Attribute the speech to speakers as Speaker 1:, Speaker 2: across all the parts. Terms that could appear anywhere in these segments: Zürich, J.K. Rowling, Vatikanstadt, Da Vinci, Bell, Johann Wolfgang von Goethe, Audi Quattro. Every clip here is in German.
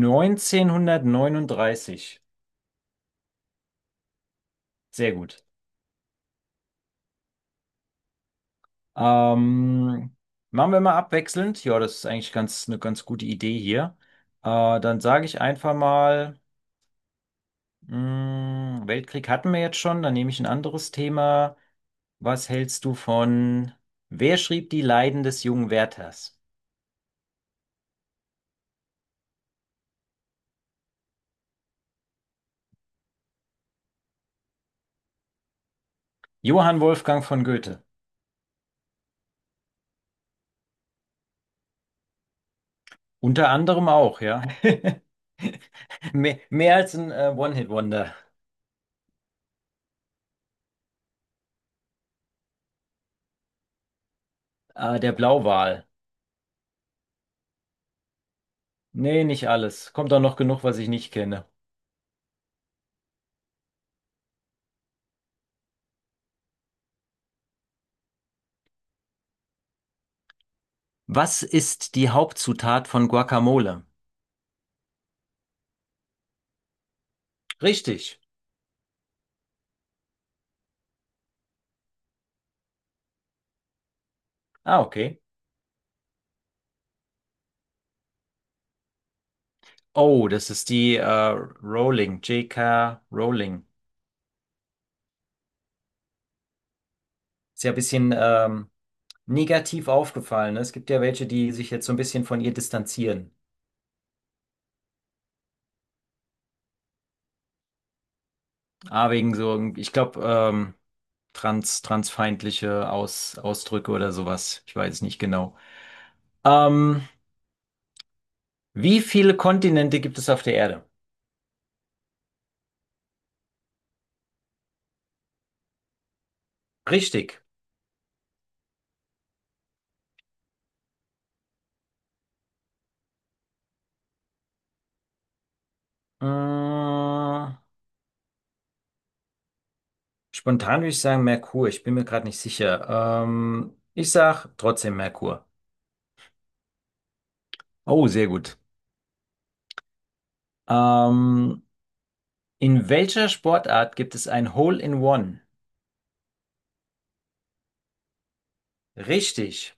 Speaker 1: 1939. Sehr gut. Ähm, Machen wir mal abwechselnd. Ja, das ist eigentlich ganz, eine ganz gute Idee hier. Dann sage ich einfach mal, Weltkrieg hatten wir jetzt schon, dann nehme ich ein anderes Thema. Was hältst du von? Wer schrieb die Leiden des jungen Werthers? Johann Wolfgang von Goethe. Unter anderem auch, ja. Mehr als ein One-Hit-Wonder. Der Blauwal. Nee, nicht alles. Kommt auch noch genug, was ich nicht kenne. Was ist die Hauptzutat von Guacamole? Richtig. Ah, okay. Oh, das ist die Rowling, J.K. Rowling. Ist ja ein bisschen negativ aufgefallen. Ne? Es gibt ja welche, die sich jetzt so ein bisschen von ihr distanzieren. Ah, wegen so, ich glaube, transfeindliche Ausdrücke oder sowas. Ich weiß es nicht genau. Ähm, Wie viele Kontinente gibt es auf der Erde? Richtig. Mm, spontan würde ich sagen Merkur. Ich bin mir gerade nicht sicher. Ich sag trotzdem Merkur. Oh, sehr gut. Ähm, in welcher Sportart gibt es ein Hole-in-One? Richtig.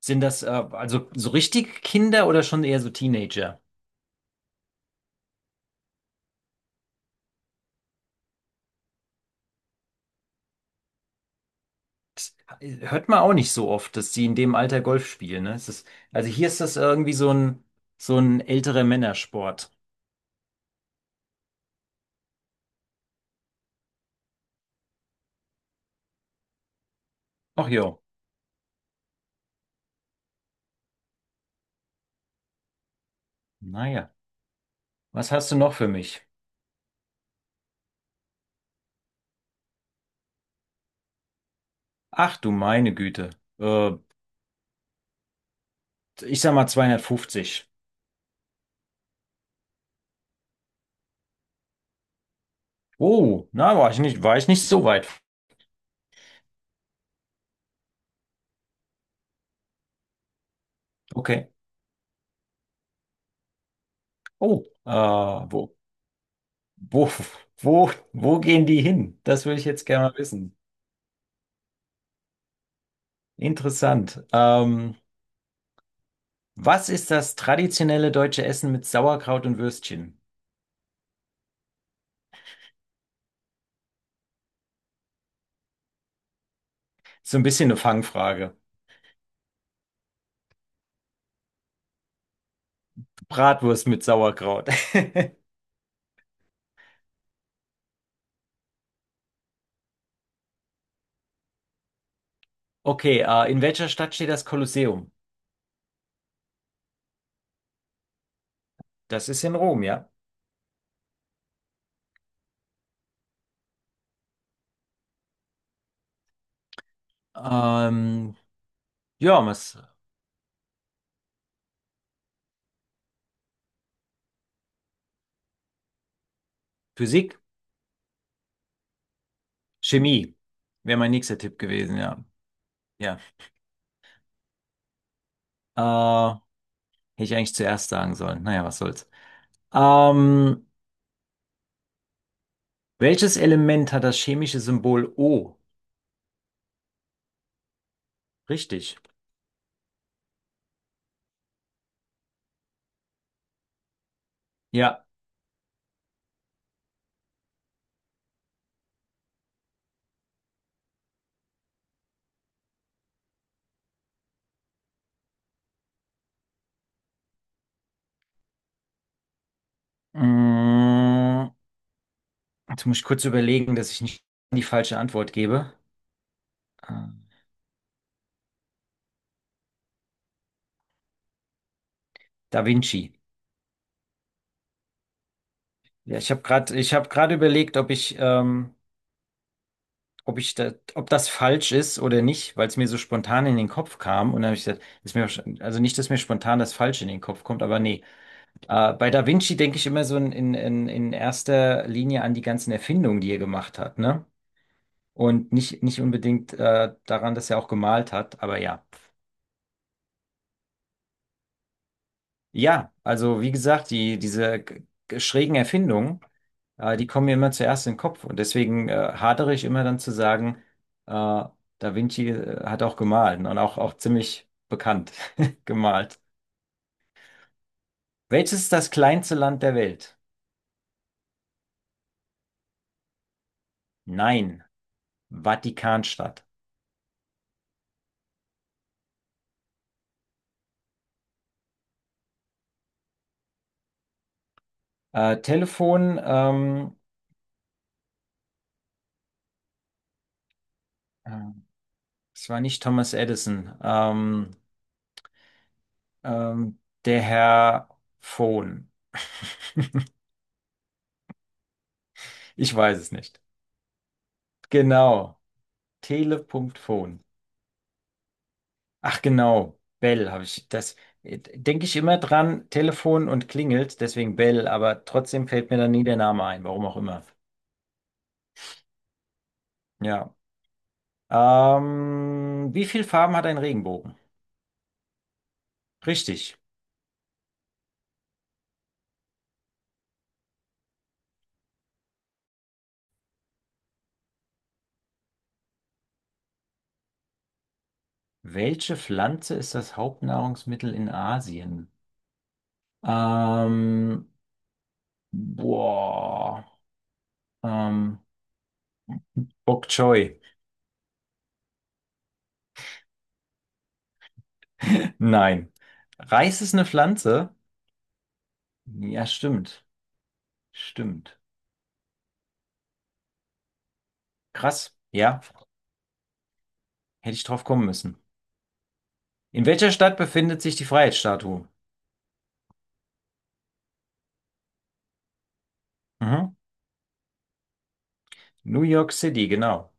Speaker 1: Sind das also so richtig Kinder oder schon eher so Teenager? Das hört man auch nicht so oft, dass die in dem Alter Golf spielen. Ne? Es ist, also hier ist das irgendwie so ein älterer Männersport. Ach jo. Naja. Was hast du noch für mich? Ach du meine Güte. Äh, Ich sag mal 250. Oh, na, war ich nicht so weit. Okay. Oh, wo, wo, wo gehen die hin? Das würde ich jetzt gerne mal wissen. Interessant. Was ist das traditionelle deutsche Essen mit Sauerkraut und Würstchen? So ein bisschen eine Fangfrage. Bratwurst mit Sauerkraut. Okay, in welcher Stadt steht das Kolosseum? Das ist in Rom, ja. Ähm, ja, was? Physik? Chemie wäre mein nächster Tipp gewesen, ja. Ja. Äh, hätte ich eigentlich zuerst sagen sollen. Naja, was soll's. Ähm, welches Element hat das chemische Symbol O? Richtig. Ja. Mm, jetzt muss ich kurz überlegen, dass ich nicht die falsche Antwort gebe. Äh, Da Vinci. Ja, ich habe gerade überlegt, ob ich da, ob das falsch ist oder nicht, weil es mir so spontan in den Kopf kam. Und dann habe ich gesagt, ist mir, also nicht, dass mir spontan das Falsche in den Kopf kommt, aber nee. Bei Da Vinci denke ich immer so in erster Linie an die ganzen Erfindungen, die er gemacht hat, ne? Und nicht unbedingt daran, dass er auch gemalt hat, aber ja. Ja, also wie gesagt, diese schrägen Erfindungen, die kommen mir immer zuerst in den Kopf. Und deswegen hadere ich immer dann zu sagen, äh, Da Vinci hat auch gemalt und auch ziemlich bekannt gemalt. Welches ist das kleinste Land der Welt? Nein, Vatikanstadt. Telefon, äh, es war nicht Thomas Edison, ähm, der Herr Phone. Ich weiß es nicht. Genau, tele.phone. Ach genau, Bell habe ich, das denke ich immer dran, Telefon und klingelt, deswegen Bell, aber trotzdem fällt mir dann nie der Name ein, warum auch immer. Ja. Wie viele Farben hat ein Regenbogen? Richtig. Welche Pflanze ist das Hauptnahrungsmittel in Asien? Ähm, boah. Ähm, Bok Choy. Nein. Reis ist eine Pflanze? Ja, stimmt. Stimmt. Krass. Ja, hätte ich drauf kommen müssen. In welcher Stadt befindet sich die Freiheitsstatue? Mhm. New York City, genau.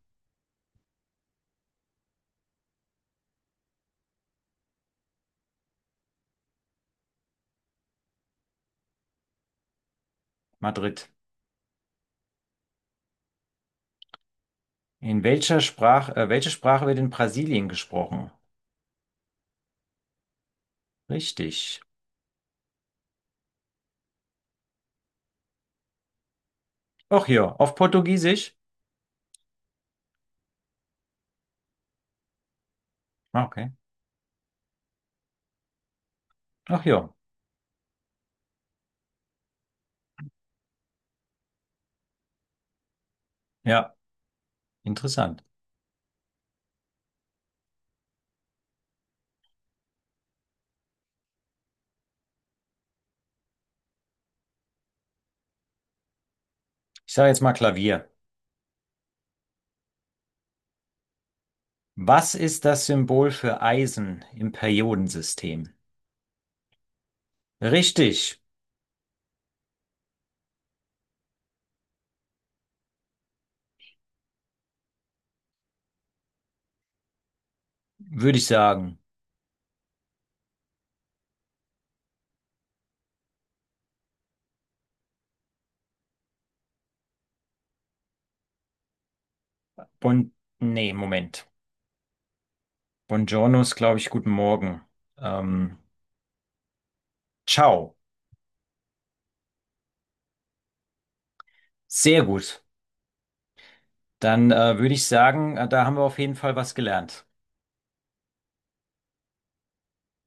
Speaker 1: Madrid. In welcher Sprache, welche Sprache wird in Brasilien gesprochen? Richtig. Ach ja, auf Portugiesisch? Ah, okay. Ach ja. Ja, interessant. Ich sage jetzt mal Klavier. Was ist das Symbol für Eisen im Periodensystem? Richtig, würde ich sagen. Bon, nee, Moment. Buongiorno ist, glaube ich, guten Morgen. Ähm, ciao. Sehr gut. Dann würde ich sagen, da haben wir auf jeden Fall was gelernt.